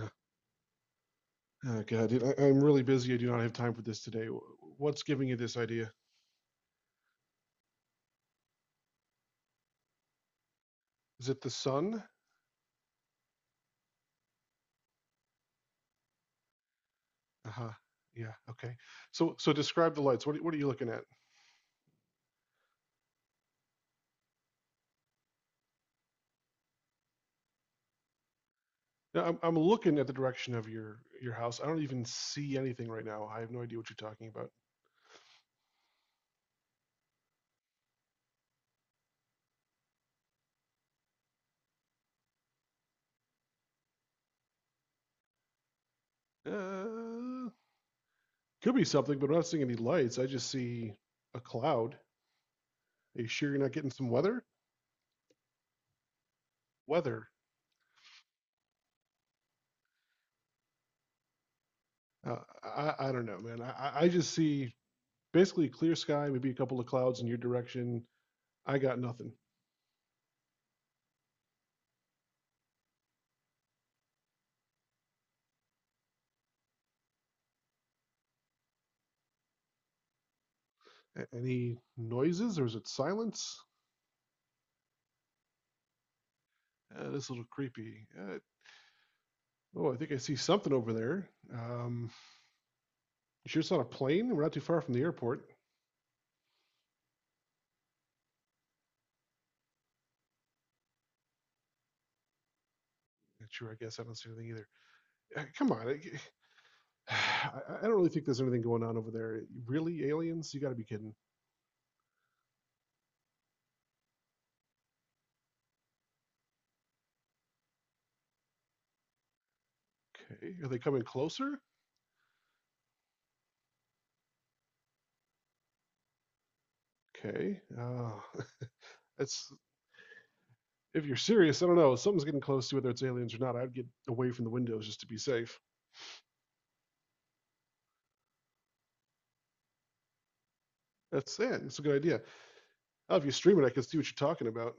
Uh, Oh God, dude, I'm really busy. I do not have time for this today. What's giving you this idea? Is it the sun? Uh-huh. Yeah. Okay. So describe the lights. What are you looking at? Now, I'm looking at the direction of your house. I don't even see anything right now. I have no idea what you're talking about. Uh, could be something, but I'm not seeing any lights. I just see a cloud. Are you sure you're not getting some weather? Weather? Uh, I, I don't know, man. I just see basically clear sky, maybe a couple of clouds in your direction. I got nothing. Any noises or is it silence? This is a little creepy. Oh, I think I see something over there. You sure it's not a plane? We're not too far from the airport. Not sure, I guess I don't see anything either. Come on, I don't really think there's anything going on over there. Really, aliens? You got to be kidding. Okay, are they coming closer? Okay, that's if you're serious. I don't know. Something's getting close to whether it's aliens or not. I'd get away from the windows just to be safe. That's it. It's a good idea. Oh, if you stream it, I can see what you're talking about.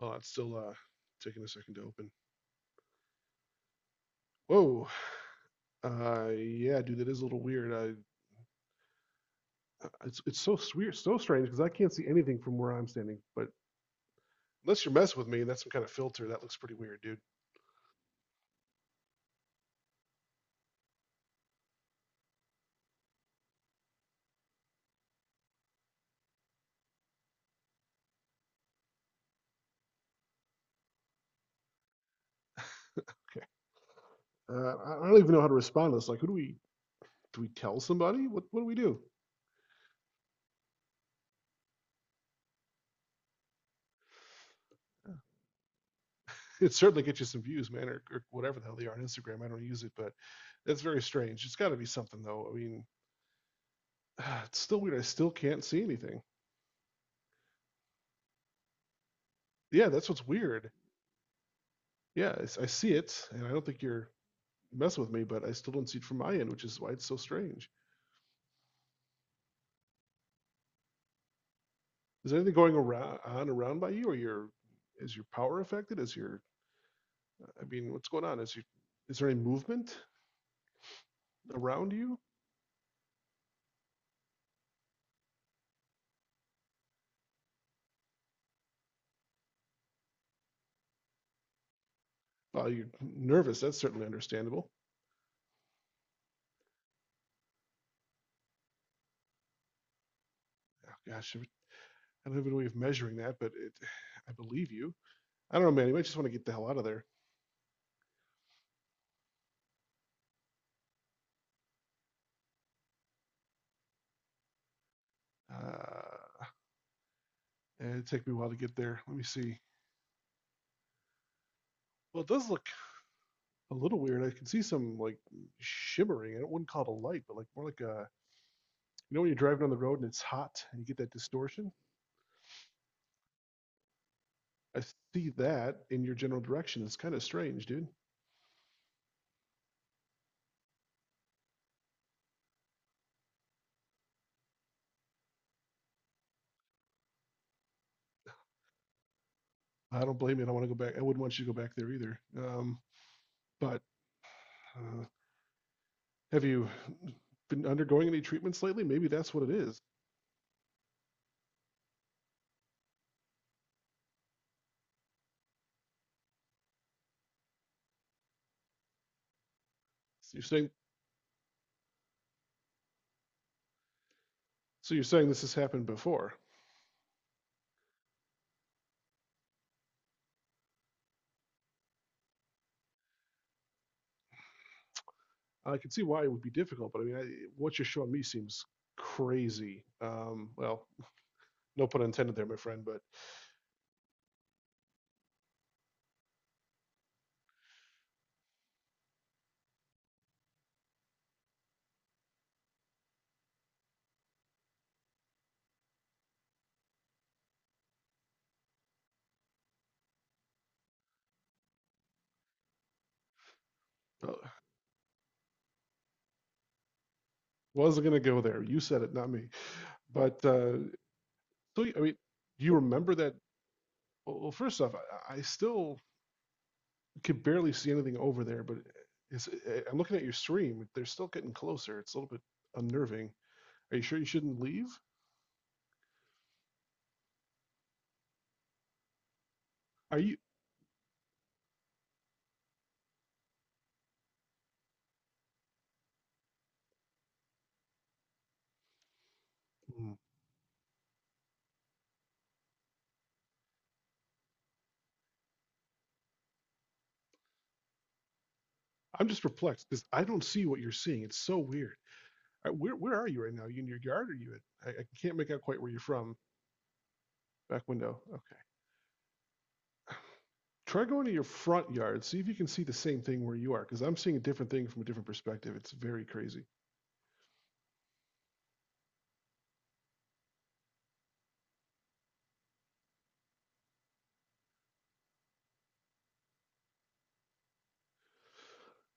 Oh, it's still taking a second to open. Whoa. Yeah, dude, that is a little weird. It's so weird, so strange because I can't see anything from where I'm standing. But unless you're messing with me, and that's some kind of filter. That looks pretty weird, dude. Okay. I don't even know how to respond to this. Like, who do we tell somebody? What do we do? It certainly gets you some views, man, or whatever the hell they are on Instagram. I don't use it, but that's very strange. It's got to be something though. I mean, it's still weird. I still can't see anything. Yeah, that's what's weird. Yeah, I see it, and I don't think you're mess with me, but I still don't see it from my end, which is why it's so strange. Is there anything going around by you, or your is your power affected? Is your I mean, what's going on? Is there any movement around you? Well, you're nervous. That's certainly understandable. Oh, gosh, I don't have any way of measuring that, but I believe you. I don't know, man. You might just want to get the hell out of there. Uh, it'd take me a while to get there. Let me see. Well, it does look a little weird. I can see some like shimmering. I wouldn't call it a light, but like more like a... You know when you're driving on the road and it's hot and you get that distortion? I see that in your general direction. It's kind of strange, dude. I don't blame you. I don't want to go back. I wouldn't want you to go back there either. But uh, have you been undergoing any treatments lately? Maybe that's what it is. So you're saying so you're saying this has happened before. I can see why it would be difficult, but I mean, what you're showing me seems crazy. Well, no pun intended there, my friend. But uh, wasn't gonna go there. You said it, not me. But so I mean, do you remember that... Well, first off, I still could barely see anything over there, but I am looking at your stream. They're still getting closer. It's a little bit unnerving. Are you sure you shouldn't leave? Are you? Mm. I'm just perplexed because I don't see what you're seeing. It's so weird. Where are you right now? Are you in your yard or are you at? I can't make out quite where you're from. Back window. Okay. Try going to your front yard. See if you can see the same thing where you are, because I'm seeing a different thing from a different perspective. It's very crazy.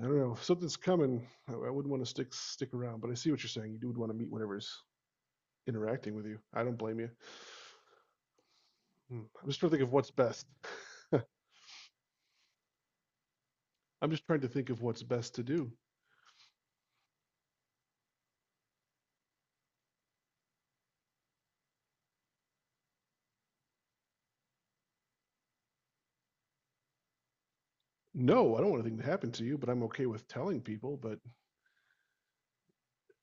I don't know. If something's coming, I wouldn't want to stick around. But I see what you're saying. You do want to meet whatever's interacting with you. I don't blame you. Hmm. I'm just trying to think of what's best. I'm just trying to think of what's best to do. No, I don't want anything to happen to you, but I'm okay with telling people. But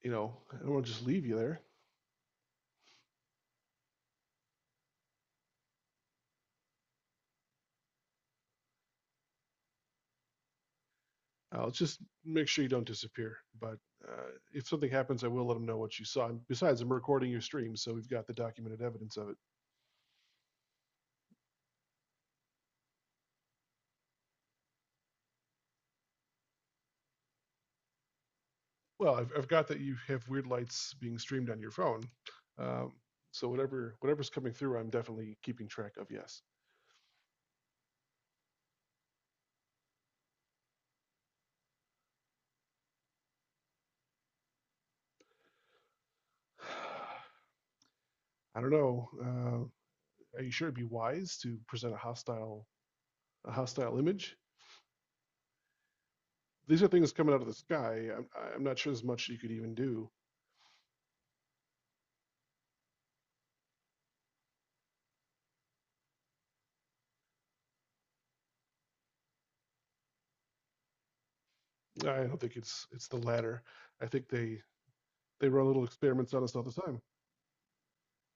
you know, I don't want to just leave you there. I'll just make sure you don't disappear. But if something happens, I will let them know what you saw. And besides, I'm recording your stream, so we've got the documented evidence of it. Well, I've got that you have weird lights being streamed on your phone. Um, so whatever's coming through, I'm definitely keeping track of. Yes. I don't know. Are you sure it'd be wise to present a hostile image? These are things coming out of the sky. I'm not sure there's much you could even do. I don't think it's the latter. I think they run little experiments on us all the time.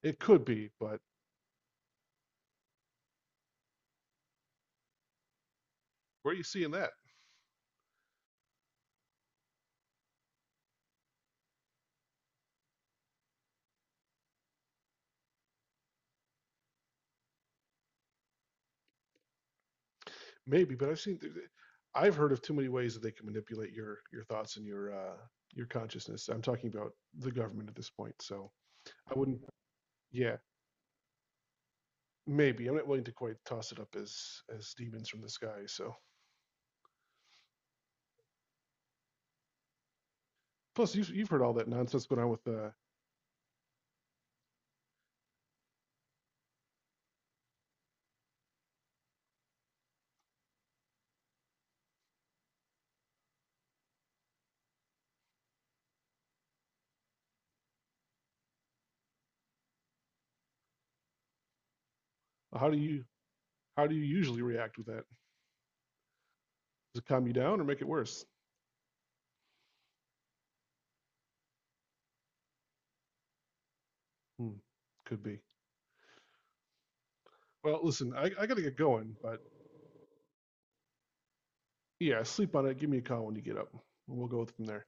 It could be, but where are you seeing that? Maybe, but I've seen, I've heard of too many ways that they can manipulate your thoughts and your consciousness. I'm talking about the government at this point, so I wouldn't. Yeah, maybe I'm not willing to quite toss it up as demons from the sky. So plus, you've heard all that nonsense going on with how do you how do you usually react with that? Does it calm you down or make it worse? Hmm, could be. Well, listen, I gotta get going, but yeah, sleep on it. Give me a call when you get up. We'll go from there.